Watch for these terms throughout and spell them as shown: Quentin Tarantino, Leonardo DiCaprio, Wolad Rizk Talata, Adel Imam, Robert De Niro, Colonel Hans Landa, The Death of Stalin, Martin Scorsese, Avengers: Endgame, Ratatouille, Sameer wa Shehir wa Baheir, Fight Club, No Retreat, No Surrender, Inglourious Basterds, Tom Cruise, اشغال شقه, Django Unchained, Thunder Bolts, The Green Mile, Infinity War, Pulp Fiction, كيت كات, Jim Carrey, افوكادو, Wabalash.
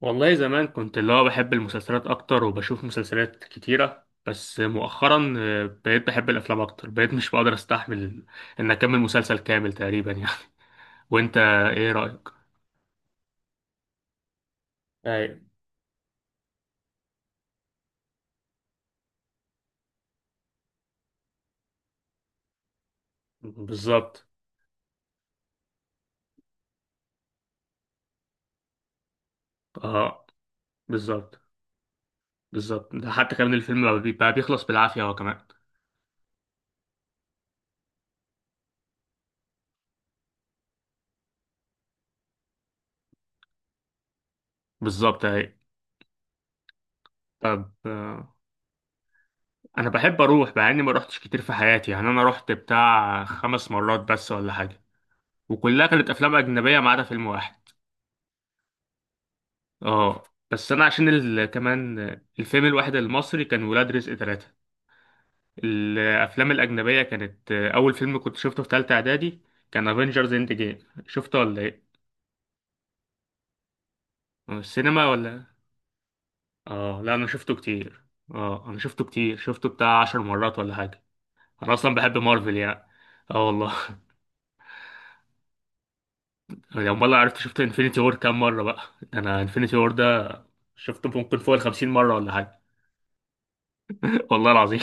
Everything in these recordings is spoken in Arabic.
والله زمان كنت اللي هو بحب المسلسلات اكتر وبشوف مسلسلات كتيرة، بس مؤخرا بقيت بحب الافلام اكتر. بقيت مش بقدر استحمل ان اكمل مسلسل كامل تقريبا يعني. وانت ايه رأيك؟ اي. بالظبط. اه بالظبط. بالظبط، ده حتى كمان الفيلم بقى بيخلص بالعافية هو كمان. بالظبط. اي. طب، انا بحب اروح، مع اني ما روحتش كتير في حياتي يعني. انا رحت بتاع 5 مرات بس ولا حاجة، وكلها كانت افلام اجنبية ما عدا فيلم واحد. اه. بس انا عشان كمان. الفيلم الواحد المصري كان ولاد رزق ثلاثة. الافلام الاجنبية كانت، اول فيلم كنت شفته في تالتة اعدادي كان افنجرز اند جيم، شفته ولا ايه؟ السينما ولا؟ اه لا، انا شفته كتير. اه انا شفته كتير، شفته بتاع 10 مرات ولا حاجة. انا اصلا بحب مارفل يعني. اه والله. يعني امال، لو عرفت شفت انفينيتي وور كام مرة بقى. ده انا انفينيتي وور ده شفته ممكن فوق الخمسين مرة ولا حاجة. والله العظيم.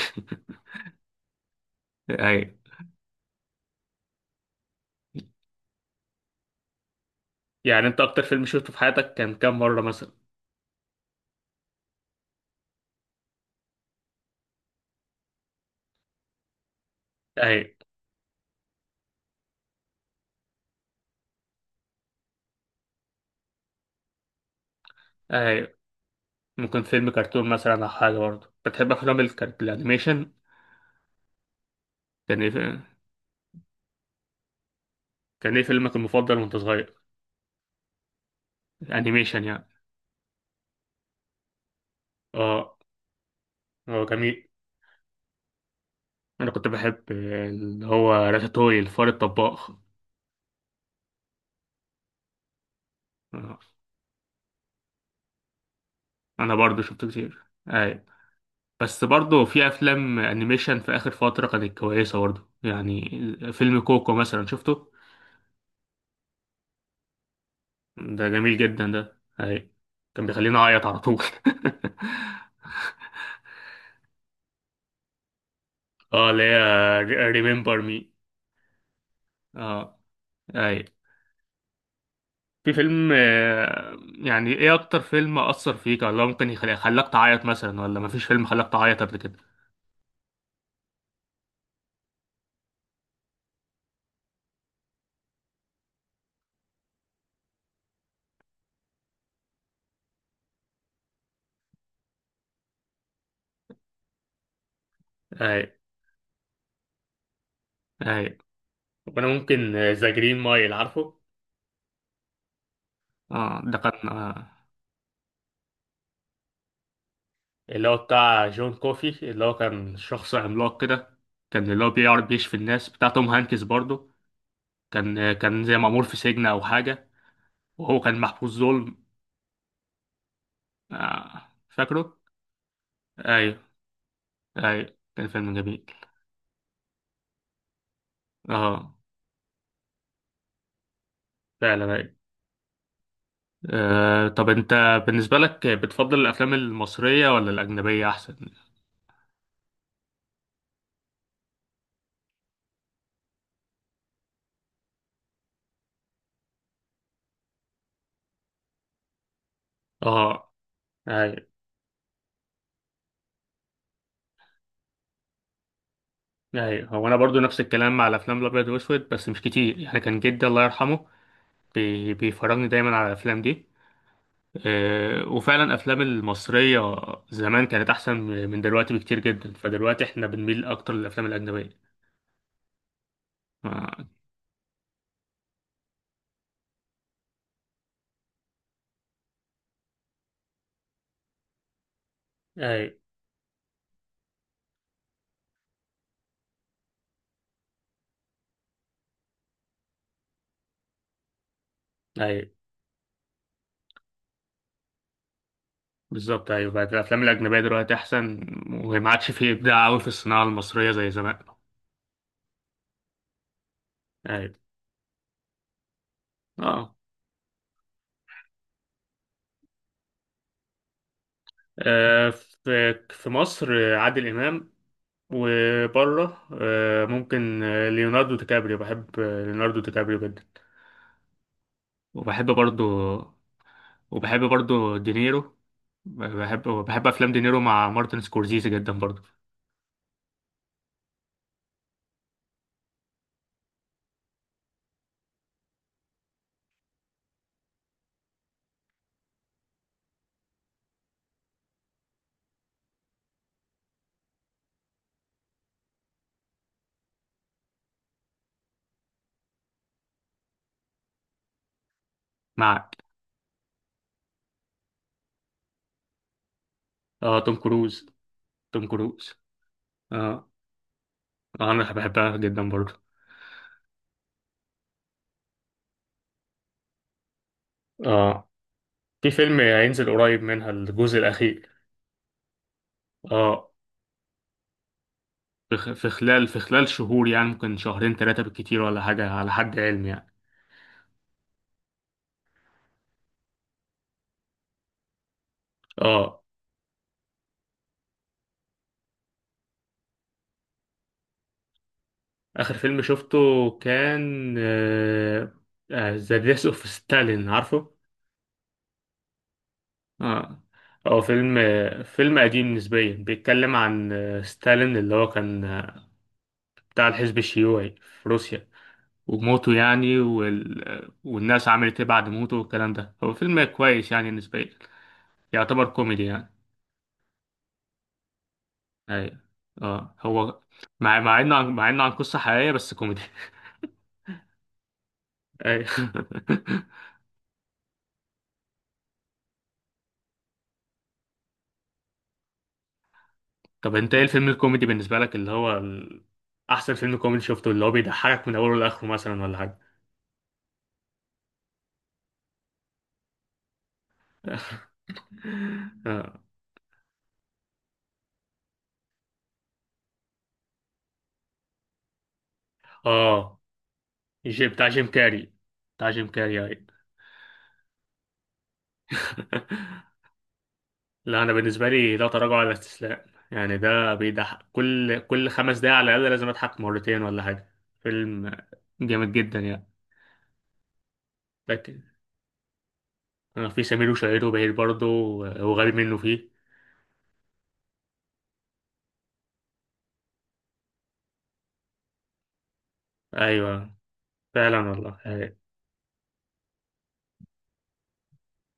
ايوه. يعني انت اكتر فيلم شفته في حياتك كان كام مرة مثلا؟ اي. اي. ممكن فيلم كرتون مثلا او حاجه، برضه بتحب افلام الانيميشن. كان ايه في- كان ايه فيلمك المفضل وانت صغير؟ الانيميشن يعني. اه. هو جميل. انا كنت بحب اللي هو راتاتوي، الفار الطباخ. آه، انا برضه شفته كتير. اي. بس برضه في افلام انيميشن في اخر فتره كانت كويسه برضه يعني. فيلم كوكو مثلا شفته. ده جميل جدا ده. اي. كان بيخليني اعيط على طول. اه، اللي هي ريمبر مي. اه. اي. في فيلم، يعني ايه اكتر فيلم اثر فيك، ولا ممكن يخليك خلاك تعيط مثلا، ولا مفيش فيلم خلاك تعيط قبل كده؟ اي. اي. وانا ممكن ذا جرين مايل، عارفه؟ اه، ده كان اللي هو بتاع جون كوفي، اللي هو كان شخص عملاق كده. كان اللي هو بيعرف بيشفي الناس، بتاع توم هانكس برضه. كان زي مأمور في سجن او حاجة. وهو كان محبوس ظلم. فاكره؟ ايوه. ايوه كان فيلم جميل. اه فعلا، أيوه. طب انت بالنسبة لك بتفضل الافلام المصرية ولا الاجنبية احسن؟ اه. ايوه ايوه. هو انا برضو نفس الكلام مع الافلام الابيض واسود، بس مش كتير يعني. كان جدي الله يرحمه بيفرجني دايما على الافلام دي. وفعلا الافلام المصرية زمان كانت احسن من دلوقتي بكتير جدا. فدلوقتي احنا بنميل اكتر للافلام الاجنبية. آه، ايوه. ايوه بالظبط. ايوه بقت الافلام الاجنبية دلوقتي احسن، وما عادش فيه ابداع قوي في الصناعة المصرية زي زمان. ايوه. اه. في في مصر، عادل إمام. وبره، ممكن ليوناردو دي كابريو. بحب ليوناردو دي كابريو جدا. وبحب برضو وبحب برضو دينيرو. بحب أفلام دينيرو مع مارتن سكورسيزي جدا برضو. معك. اه توم كروز. توم كروز. اه. أنا بحبها جدا برضو. اه، في فيلم هينزل قريب منها، الجزء الأخير. اه، في خلال شهور يعني، ممكن شهرين ثلاثة بالكتير ولا حاجة على حد علمي يعني. اه. آخر فيلم شفته كان ذا ديث اوف ستالين، عارفه؟ آه. هو فيلم فيلم قديم نسبيا، بيتكلم عن ستالين، اللي هو كان بتاع الحزب الشيوعي في روسيا، وموته يعني. والناس عملت ايه بعد موته والكلام ده. هو فيلم كويس يعني نسبيا، يعتبر كوميدي يعني. ايوه. اه هو، مع انه عن قصة حقيقية بس كوميدي. ايوه. طب انت ايه الفيلم الكوميدي بالنسبة لك، اللي هو احسن فيلم كوميدي شفته، اللي هو بيضحكك من اوله لاخره مثلا ولا حاجة؟ اه. آه، بتاع جيم كاري. بتاع جيم كاري. اي. لا، انا بالنسبة لي، لا تراجع ولا استسلام. يعني ده بيضحك، كل 5 دقايق على الاقل لازم اضحك مرتين ولا حاجة. فيلم جامد جدا يعني. لكن في سمير وشهير وبهير برضه، وغبي منه فيه. ايوه فعلا والله.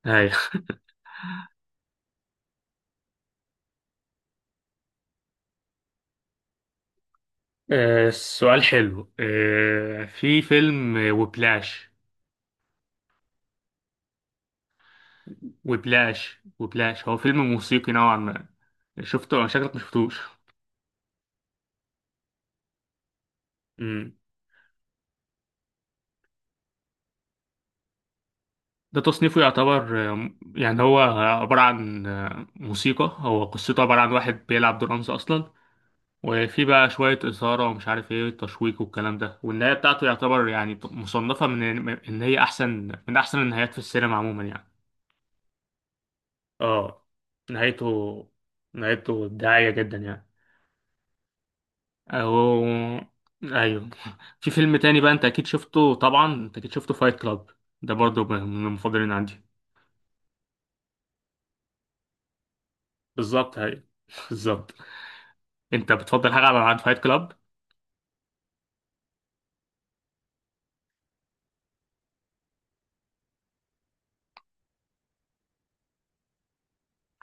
هاي. سؤال حلو. في فيلم وبلاش. وبلاش وبلاش، هو فيلم موسيقي نوعا ما. شفته؟ شكلك مشفتوش. مم. ده تصنيفه يعتبر يعني هو عبارة عن موسيقى. هو قصته عبارة عن واحد بيلعب درامز أصلا، وفي بقى شوية إثارة ومش عارف إيه تشويق والكلام ده. والنهاية بتاعته يعتبر يعني مصنفة من إن هي أحسن، من أحسن النهايات في السينما عموما يعني. اه، نهايته نهايته إبداعية جدا يعني. أو... أيوه. في فيلم تاني بقى، أنت أكيد شفته طبعا، أنت أكيد شفته فايت كلاب. ده برضو من المفضلين عندي. بالظبط أيوه. بالظبط. أنت بتفضل حاجة على عاد فايت كلاب؟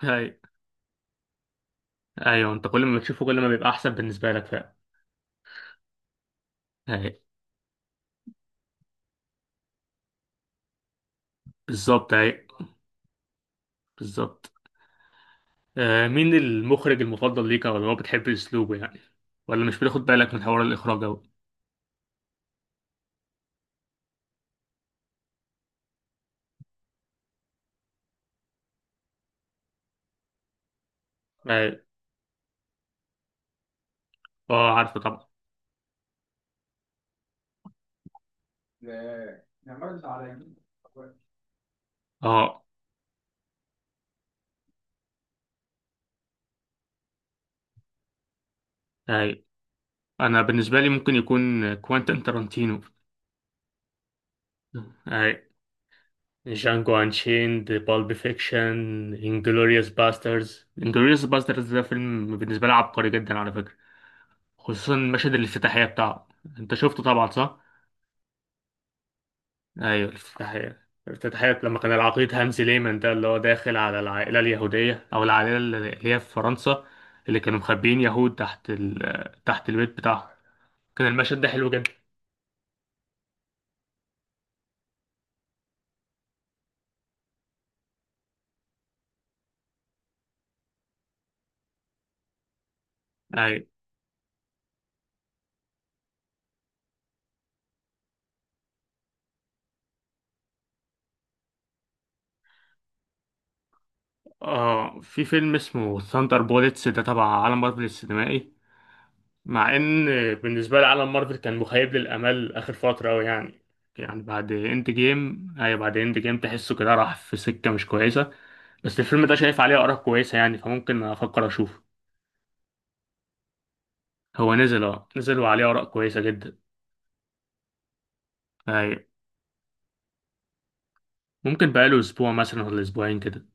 أيوه. أيوه أنت كل ما بتشوفه كل ما بيبقى أحسن بالنسبة لك فعلا. أيوه. بالظبط أيوه. بالظبط. مين المخرج المفضل ليك، أو اللي هو بتحب أسلوبه يعني؟ ولا مش بتاخد بالك من حوار الإخراج أوي؟ أيوه. أه عارفه طبعا. أه أيوه. أنا بالنسبة لي ممكن يكون كوانتين تارانتينو. أيوه. جانجو انشيند، بالب فيكشن، انجلوريوس باسترز. انجلوريوس باسترز ده فيلم بالنسبه لي عبقري جدا على فكره، خصوصا مشهد الافتتاحيه بتاعه. انت شفته طبعا، صح؟ ايوه. الافتتاحيه لما كان العقيد هانزي ليمان، ده اللي هو داخل على العائله اليهوديه، او العائله اللي هي في فرنسا، اللي كانوا مخبيين يهود تحت البيت بتاعهم. كان المشهد ده حلو جدا. ايوه. اه، في فيلم اسمه ثاندر بوليتس، ده تبع عالم مارفل السينمائي. مع ان بالنسبه لي عالم مارفل كان مخيب للامال اخر فتره قوي يعني. يعني بعد اند جيم، اي، بعد اند جيم تحسه كده راح في سكه مش كويسه. بس الفيلم ده شايف عليه اراء كويسه يعني، فممكن افكر اشوفه. هو نزل وعليه اراء كويسه جدا. اي. ممكن بقاله اسبوع مثلا ولا اسبوعين كده.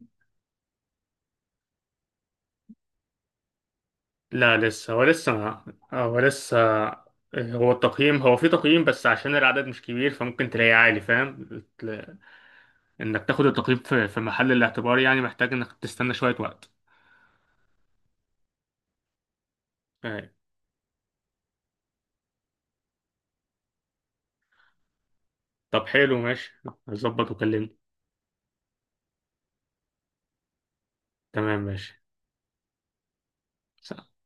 لا، لسه هو لسه ما- هو لسه. هو التقييم، هو في تقييم، بس عشان العدد مش كبير فممكن تلاقيه عالي، فاهم انك تاخد التقييم في في محل الاعتبار يعني. محتاج انك تستنى شوية وقت. أي. طب حلو، ماشي. هظبط وكلمني. تمام ماشي.